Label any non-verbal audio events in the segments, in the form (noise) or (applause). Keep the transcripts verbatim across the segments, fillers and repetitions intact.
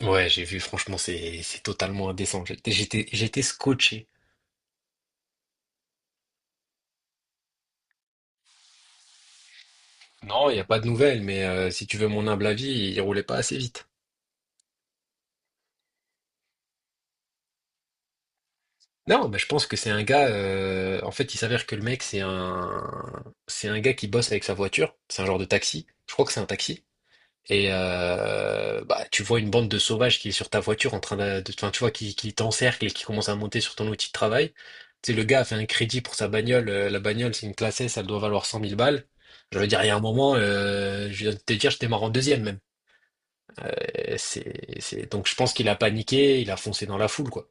Ouais, j'ai vu, franchement, c'est c'est totalement indécent. J'étais j'étais j'étais scotché. Non, il n'y a pas de nouvelles, mais euh, si tu veux mon humble avis, il roulait pas assez vite. Non, mais je pense que c'est un gars. Euh, en fait, il s'avère que le mec, c'est un c'est un gars qui bosse avec sa voiture. C'est un genre de taxi. Je crois que c'est un taxi. Et euh, bah, tu vois une bande de sauvages qui est sur ta voiture en train de, de- enfin, tu vois, qui, qui t'encercle et qui commence à monter sur ton outil de travail. Tu sais, le gars a fait un crédit pour sa bagnole. Euh, la bagnole, c'est une classe S, elle doit valoir cent mille balles. Je veux dire, il y a un moment, euh, je viens de te dire, je démarre en deuxième même. Euh, c'est, c'est... Donc je pense qu'il a paniqué, il a foncé dans la foule, quoi.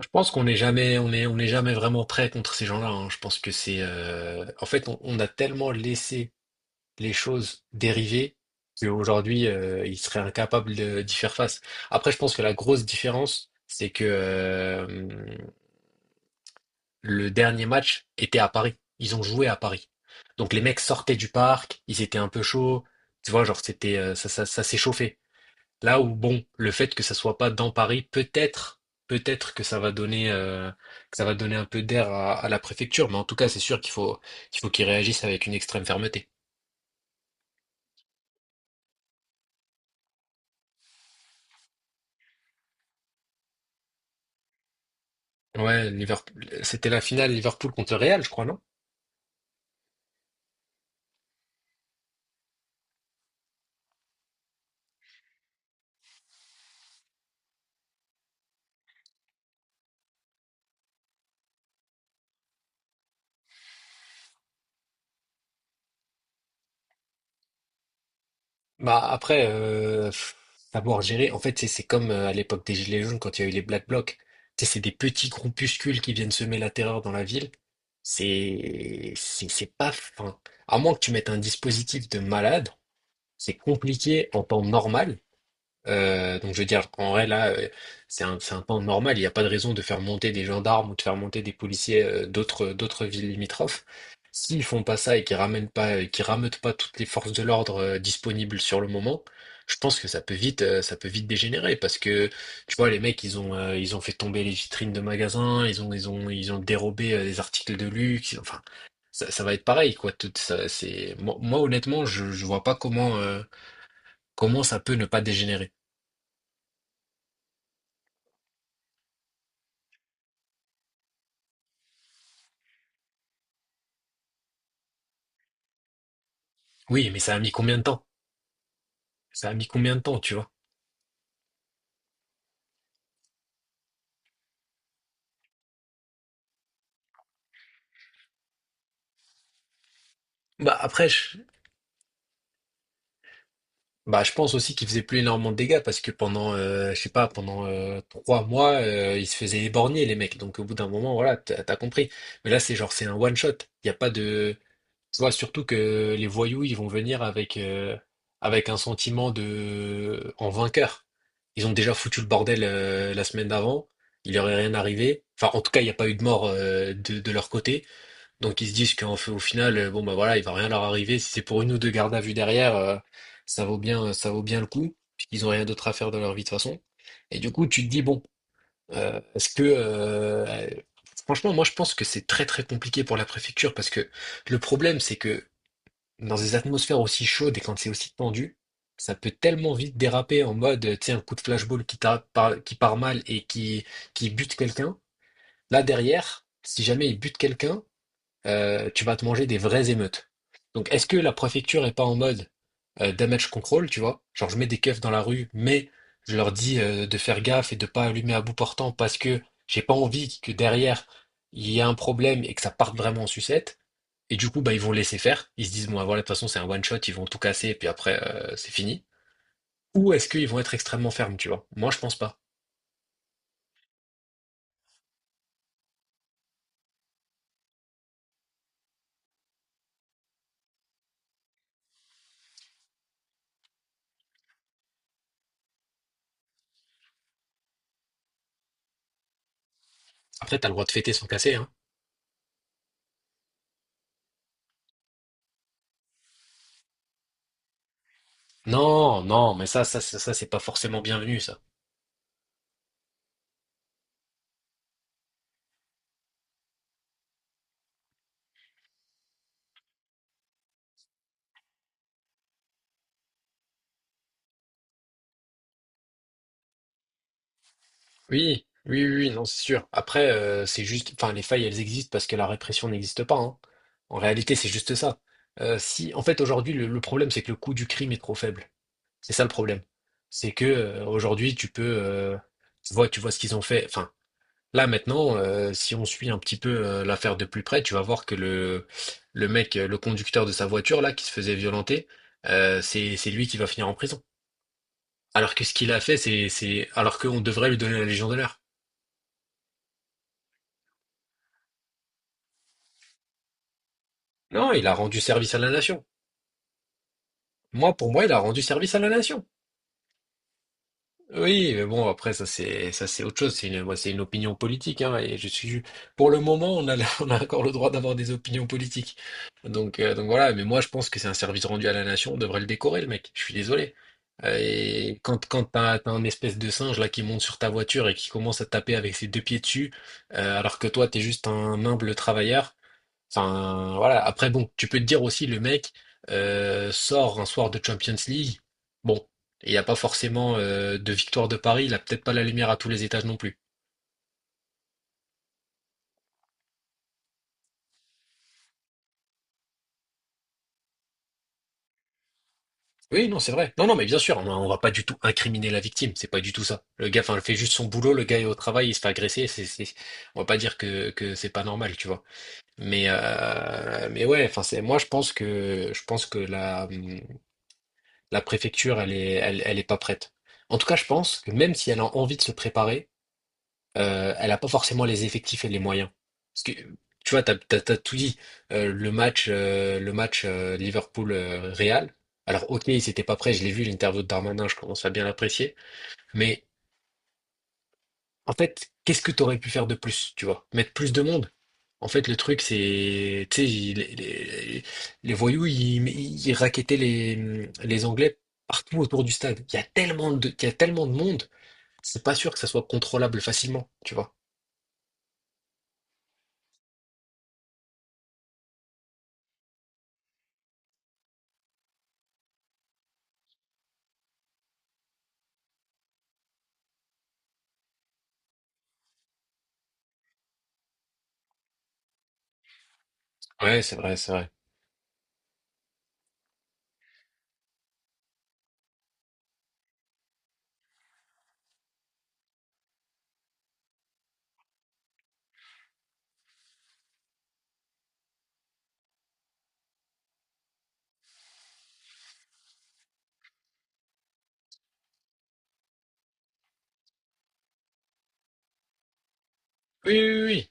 Je pense qu'on n'est jamais, on est, on n'est jamais vraiment prêt contre ces gens-là, hein. Je pense que c'est, euh, en fait, on, on a tellement laissé les choses dérivées qu'aujourd'hui, euh, ils seraient incapables de- d'y faire face. Après, je pense que la grosse différence, c'est que euh, le dernier match était à Paris. Ils ont joué à Paris. Donc les mecs sortaient du parc, ils étaient un peu chauds. Tu vois, genre c'était euh, ça, ça, ça s'est chauffé. Là où bon, le fait que ça soit pas dans Paris, peut-être, peut-être que ça va donner, euh, que ça va donner un peu d'air à, à la préfecture. Mais en tout cas, c'est sûr qu'il faut, qu'il faut qu'ils réagissent avec une extrême fermeté. Ouais, Liverpool, c'était la finale Liverpool contre Real, je crois, non? Bah après, euh, pff, savoir gérer, en fait, c'est c'est comme euh, à l'époque des Gilets jaunes quand il y a eu les Black Blocs. Tu sais, c'est des petits groupuscules qui viennent semer la terreur dans la ville. C'est c'est c'est pas fin. À moins que tu mettes un dispositif de malade, c'est compliqué en temps normal. Euh, donc je veux dire, en vrai là, euh, c'est un, c'est un temps normal. Il n'y a pas de raison de faire monter des gendarmes ou de faire monter des policiers euh, d'autres d'autres villes limitrophes. S'ils font pas ça et qu'ils ramènent pas, euh, qu'ils rameutent pas toutes les forces de l'ordre euh, disponibles sur le moment, je pense que ça peut vite, euh, ça peut vite dégénérer parce que tu vois les mecs ils ont euh, ils ont fait tomber les vitrines de magasins, ils ont ils ont ils ont dérobé euh, des articles de luxe. Enfin, ça, ça va être pareil quoi. Tout ça, c'est moi, moi, honnêtement je je vois pas comment euh, comment ça peut ne pas dégénérer. Oui, mais ça a mis combien de temps? Ça a mis combien de temps, tu vois? Bah après, je, bah, je pense aussi qu'il faisait plus énormément de dégâts parce que pendant, euh, je sais pas, pendant euh, trois mois, euh, ils se faisaient éborgner les mecs. Donc au bout d'un moment, voilà, t'as t'as compris. Mais là, c'est genre, c'est un one shot. Il y a pas de, tu vois, surtout que les voyous, ils vont venir avec euh, avec un sentiment de en vainqueur. Ils ont déjà foutu le bordel euh, la semaine d'avant. Il leur est rien arrivé. Enfin, en tout cas, il n'y a pas eu de mort euh, de, de leur côté. Donc ils se disent qu'en fait, au final, euh, bon bah voilà, il va rien leur arriver. Si c'est pour une ou deux gardes à vue derrière, euh, ça vaut bien, euh, ça vaut bien le coup, puisqu'ils ont rien d'autre à faire de leur vie de toute façon. Et du coup, tu te dis, bon, euh, est-ce que euh, euh, franchement, moi je pense que c'est très très compliqué pour la préfecture, parce que le problème, c'est que dans des atmosphères aussi chaudes et quand c'est aussi tendu, ça peut tellement vite déraper en mode, euh, tu sais, un coup de flashball qui, tape par- qui part mal et qui, qui bute quelqu'un. Là derrière, si jamais il bute quelqu'un, euh, tu vas te manger des vraies émeutes. Donc, est-ce que la préfecture est pas en mode euh, damage control, tu vois? Genre, je mets des keufs dans la rue, mais je leur dis euh, de faire gaffe et de pas allumer à bout portant parce que j'ai pas envie que derrière il y ait un problème et que ça parte vraiment en sucette. Et du coup, bah, ils vont laisser faire. Ils se disent, bon, ah, voilà, de toute façon, c'est un one shot, ils vont tout casser et puis après, euh, c'est fini. Ou est-ce qu'ils vont être extrêmement fermes, tu vois? Moi, je pense pas. Après, t'as le droit de fêter sans casser, hein. Non, non, mais ça, ça, ça, ça, c'est pas forcément bienvenu, ça. Oui, oui, oui, oui, non, c'est sûr. Après, euh, c'est juste, enfin, les failles, elles existent parce que la répression n'existe pas, hein. En réalité, c'est juste ça. Euh, si, en fait, aujourd'hui, le, le problème, c'est que le coût du crime est trop faible. C'est ça le problème. C'est que euh, aujourd'hui, tu peux, euh, tu vois, tu vois ce qu'ils ont fait. Enfin, là maintenant, euh, si on suit un petit peu euh, l'affaire de plus près, tu vas voir que le, le mec, euh, le conducteur de sa voiture là, qui se faisait violenter, euh, c'est, c'est lui qui va finir en prison. Alors que ce qu'il a fait, c'est, c'est, alors qu'on devrait lui donner la Légion d'honneur. Non, il a rendu service à la nation. Moi, pour moi, il a rendu service à la nation. Oui, mais bon, après, ça c'est ça c'est autre chose. C'est une, moi, c'est une opinion politique, hein, et je suis pour le moment, on a la- (laughs) on a encore le droit d'avoir des opinions politiques. Donc euh, donc voilà. Mais moi, je pense que c'est un service rendu à la nation. On devrait le décorer, le mec. Je suis désolé. Euh, Et quand quand t'as t'as un espèce de singe là qui monte sur ta voiture et qui commence à taper avec ses deux pieds dessus, euh, alors que toi t'es juste un humble travailleur. Enfin, voilà. Après, bon, tu peux te dire aussi, le mec euh, sort un soir de Champions League. Bon, il n'y a pas forcément euh, de victoire de Paris. Il a peut-être pas la lumière à tous les étages non plus. Oui, non, c'est vrai. Non, non, mais bien sûr, on, on va pas du tout incriminer la victime. C'est pas du tout ça. Le gars, enfin, il fait juste son boulot. Le gars est au travail, il se fait agresser. C'est, c'est, on va pas dire que que c'est pas normal, tu vois. Mais euh, mais ouais, enfin, c'est moi, je pense que je pense que la la préfecture, elle est, elle, elle est pas prête. En tout cas, je pense que même si elle a envie de se préparer euh, elle a pas forcément les effectifs et les moyens. Parce que tu vois, t'as, t'as, t'as tout dit. Euh, le match, euh, le match euh, Liverpool-Real. Alors, ok, ils n'étaient pas prêts. Je l'ai vu l'interview de Darmanin. Je commence à bien l'apprécier. Mais en fait, qu'est-ce que t'aurais pu faire de plus? Tu vois, mettre plus de monde. En fait, le truc, c'est, tu sais, ils- les, les- les voyous, ils, ils racketaient les, les Anglais partout autour du stade. Il y a tellement de, il y a tellement de monde. C'est pas sûr que ça soit contrôlable facilement. Tu vois. Ouais, c'est vrai, c'est vrai. Oui, oui, oui, oui.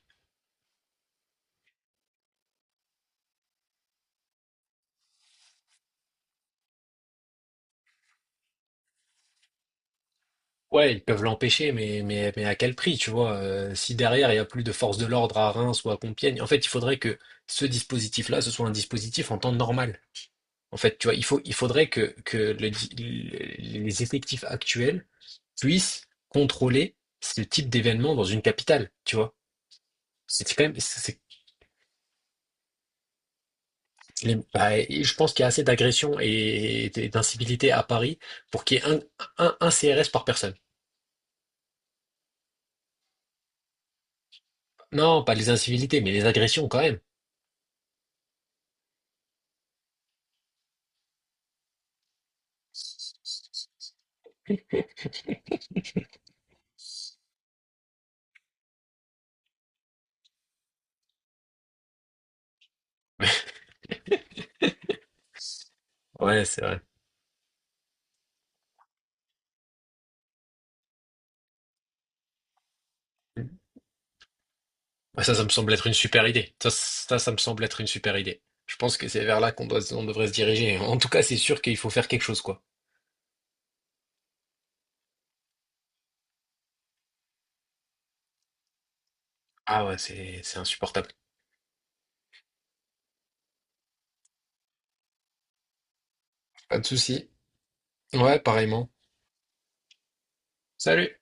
Ouais, ils peuvent l'empêcher, mais, mais, mais à quel prix, tu vois? Euh, si derrière, il n'y a plus de force de l'ordre à Reims ou à Compiègne, en fait, il faudrait que ce dispositif-là, ce soit un dispositif en temps normal. En fait, tu vois, il faut, il faudrait que, que le di- le- les effectifs actuels puissent contrôler ce type d'événement dans une capitale, tu vois? C'est quand même, c'est- c'est- les- bah, et je pense qu'il y a assez d'agressions et et d'incivilités à Paris pour qu'il y ait un, un, un C R S par personne. Non, pas les incivilités, mais les agressions quand même. Ouais, c'est vrai. Ah, Ça, ça me semble être une super idée. Ça, ça, ça me semble être une super idée. Je pense que c'est vers là qu'on doit, on devrait se diriger. En tout cas, c'est sûr qu'il faut faire quelque chose, quoi. Ah ouais, c'est, c'est insupportable. Pas de souci. Ouais, pareillement. Salut.